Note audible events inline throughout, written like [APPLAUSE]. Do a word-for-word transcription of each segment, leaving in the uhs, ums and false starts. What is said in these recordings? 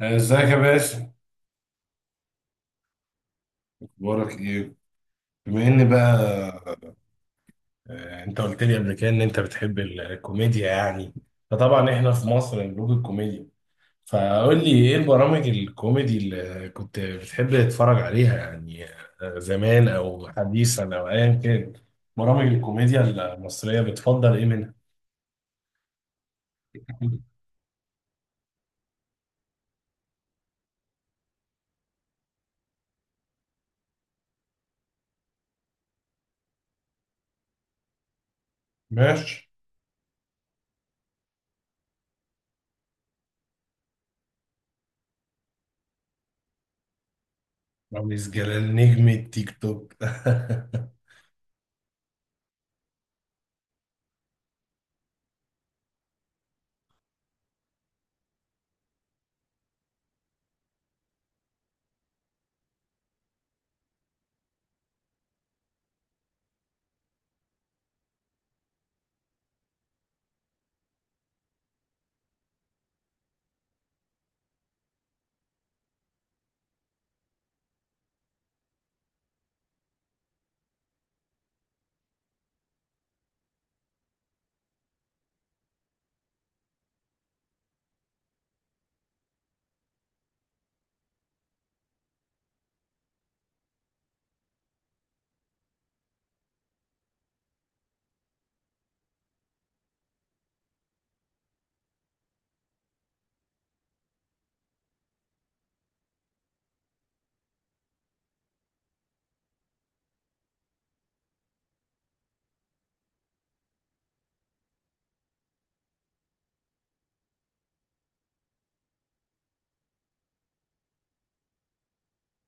ازيك يا باسم؟ اخبارك ايه؟ بما ان بقى آه، انت قلت لي قبل كده ان انت بتحب الكوميديا يعني. فطبعا احنا في مصر نضوج الكوميديا، فقول لي ايه البرامج الكوميدي اللي كنت بتحب تتفرج عليها يعني. آه، زمان او حديثا او ايا كان، برامج الكوميديا المصرية بتفضل ايه منها؟ [LAUGHS] ماشي. رامز جلال نجم التيك توك. [LAUGHS]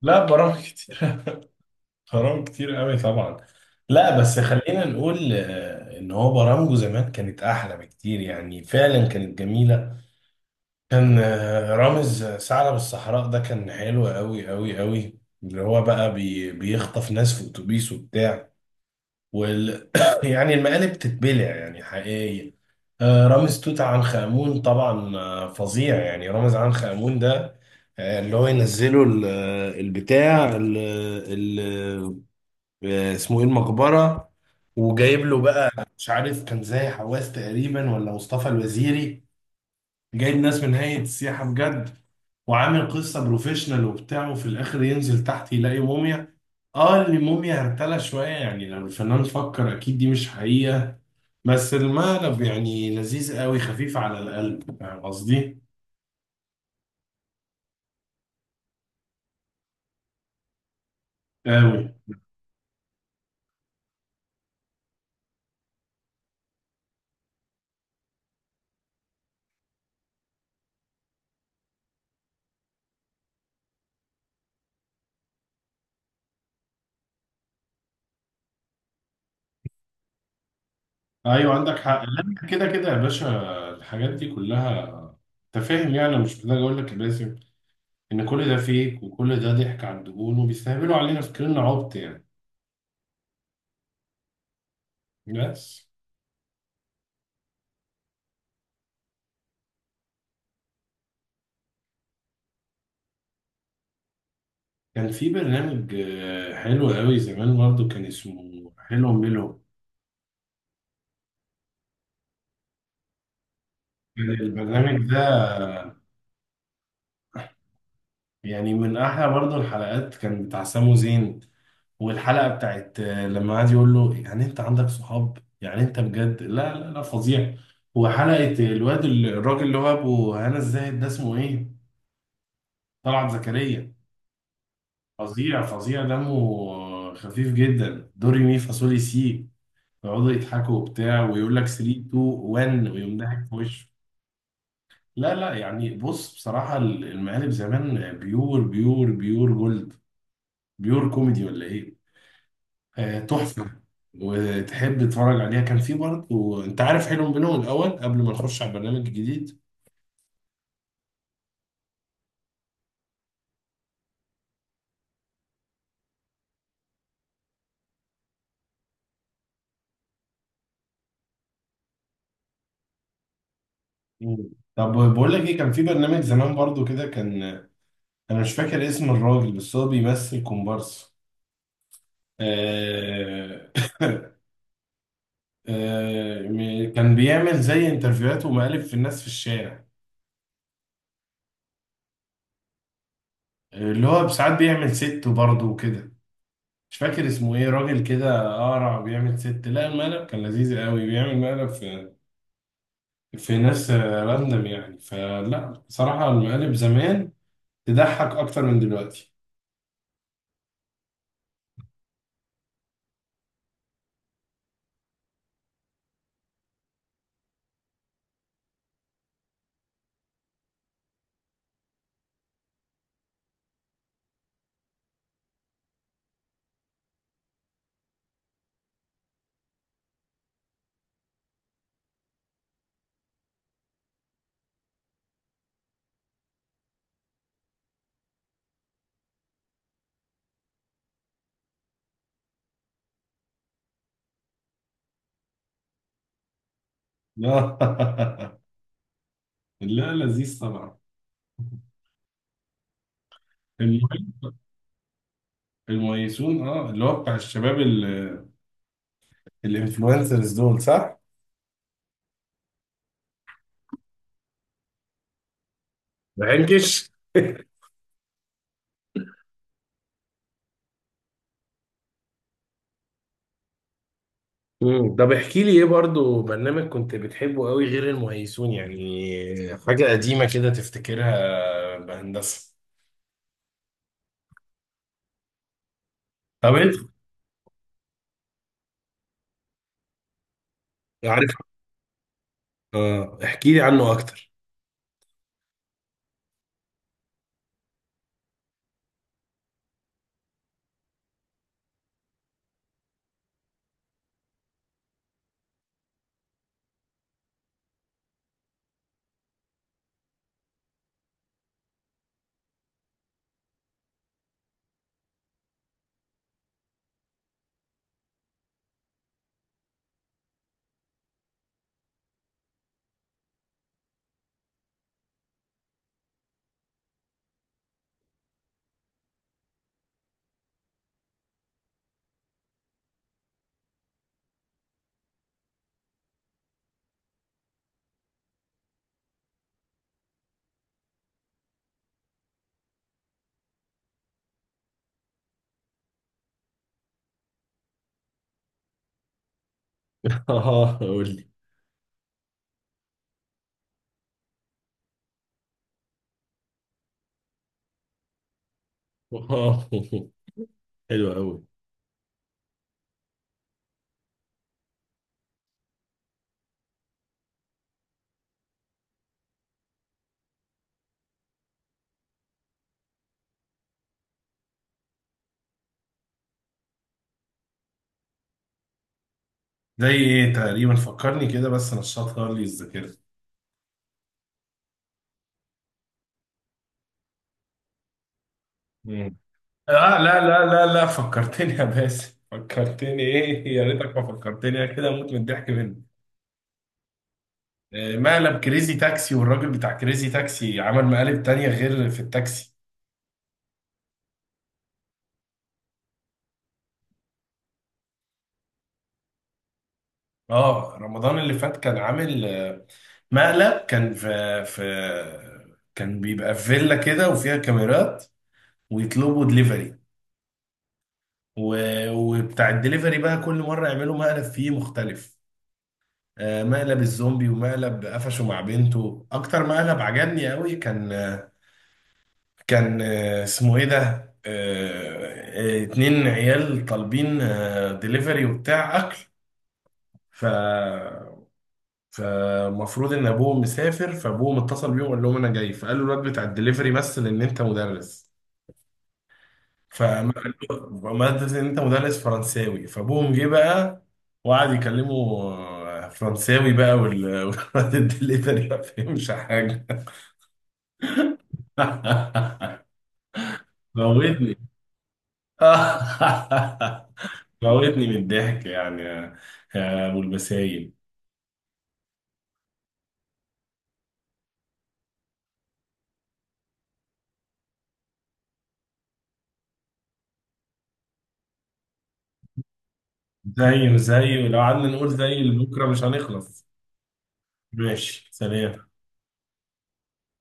لا، برامج كتير. حرام، كتير قوي طبعا. لا بس خلينا نقول آه، ان هو برامجه زمان كانت احلى بكتير، يعني فعلا كانت جميله. كان آه، رامز ثعلب الصحراء ده كان حلو قوي قوي قوي، اللي هو بقى بي بيخطف ناس في اتوبيس وبتاع، وال [COUGHS] يعني المقالب تتبلع يعني حقيقي. آه، رامز توت عنخ آمون طبعا، آه، فظيع يعني رامز عنخ آمون ده. آه، اللي هو ينزله ال- آه، البتاع ال- آه، اسمه ايه، المقبرة، وجايب له بقى، مش عارف كان زي حواس تقريبا ولا مصطفى الوزيري. جايب ناس من هيئة السياحة بجد، وعامل قصة بروفيشنال وبتاع، وفي الآخر ينزل تحت يلاقي موميا. اه اللي موميا هرتلة شوية، يعني لو الفنان فكر أكيد دي مش حقيقة. بس المقلب يعني لذيذ قوي، خفيف على القلب، فاهم قصدي؟ قوي. أيوه عندك حق، لا كده كده يا باشا. الحاجات دي كلها، أنت فاهم، يعني أنا مش محتاج أقول لك يا باسم ان كل ده فيك، وكل ده ضحك على الدهون وبيستهبلوا علينا فاكريننا عبط يعني. بس كان في برنامج آه، حلو قوي زمان برضو، كان اسمه حلو ميلو. كان البرنامج ده يعني من احلى، برضو الحلقات كان بتاع سامو زين، والحلقة بتاعت آه، لما قعد يقول له، يعني انت عندك صحاب، يعني انت بجد، لا لا لا، فظيع. وحلقة الواد ال- الراجل اللي هو ابو هنا الزاهد، ده اسمه ايه، طلعت زكريا. فظيع فظيع، دمه خفيف جدا، دوري مي فاصولي سي. يقعدوا يضحكوا وبتاع، ويقول لك تلاتة اتنين واحد، ويقوم ضاحك في وشه. لا لا، يعني بص، بصراحة المقالب زمان بيور بيور بيور جولد، بيور كوميدي ولا ايه، آه، تحفة، وتحب تتفرج عليها. كان في برضه، انت عارف، حلم بنو الاول، قبل ما نخش على البرنامج الجديد. مم. طب بقول لك ايه، كان في برنامج زمان برضه كده، كان انا مش فاكر اسم الراجل، بس هو بيمثل كومبارس. آه آه، م- كان بيعمل زي انترفيوهات ومقالب في الناس في الشارع، آه، اللي هو ساعات بيعمل ست برضه وكده. مش فاكر اسمه ايه، راجل كده قارع، بيعمل ست، لا المقلب كان لذيذ قوي، بيعمل مقلب في في ناس آه، راندم يعني، فلا بصراحة المقالب زمان تضحك اكتر من دلوقتي. لا [LAUGHS] لا لذيذ طبعا. المهم، الميسون، اه اللي هو بتاع الشباب ال- الانفلونسرز دول، صح؟ ما. مم. طب احكي لي ايه برضو برنامج كنت بتحبه قوي غير المهيسون، يعني حاجة قديمة كده تفتكرها بهندسة. طب انت عارف. اه احكي لي عنه اكتر. [LAUGHS] اه قول لي. [LAUGHS] اه حلو قوي. زي ايه تقريبا؟ فكرني كده بس، نشطها لي الذاكرة. مم. اه لا لا لا لا، فكرتني يا باسم، فكرتني ايه، يا ريتك ما فكرتني، انا كده اموت من الضحك منك. آه، مقلب كريزي تاكسي، والراجل بتاع كريزي تاكسي عمل مقالب تانية غير في التاكسي. اه رمضان اللي فات كان عامل آه، مقلب، كان في في، كان بيبقى في فيلا كده وفيها كاميرات، ويطلبوا دليفري، و- وبتاع الدليفري بقى كل مرة يعملوا مقلب فيه مختلف، آه، مقلب الزومبي، ومقلب قفشه مع بنته. اكتر مقلب عجبني قوي كان آه، كان آه، اسمه ايه ده، آه، آه، اتنين عيال طالبين آه، دليفري وبتاع اكل، ف فمفروض ان ابوه مسافر، فابوه متصل بيه وقال لهم انا جاي، فقال له الواد بتاع الدليفري: مثل ان انت مدرس. فما قال له، ما قال ان انت مدرس فرنساوي، فابوهم جه بقى وقعد يكلمه آه، فرنساوي بقى، وال- [LAUGHS] والواد الدليفري ما فهمش حاجه. [LAUGHS] موتني. [LAUGHS] موتني من الضحك، يعني يا، يا ابو البسايل. زي زي لو قعدنا نقول زي لبكره مش هنخلص. ماشي، سلام.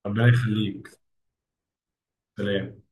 ربنا يخليك. سلام.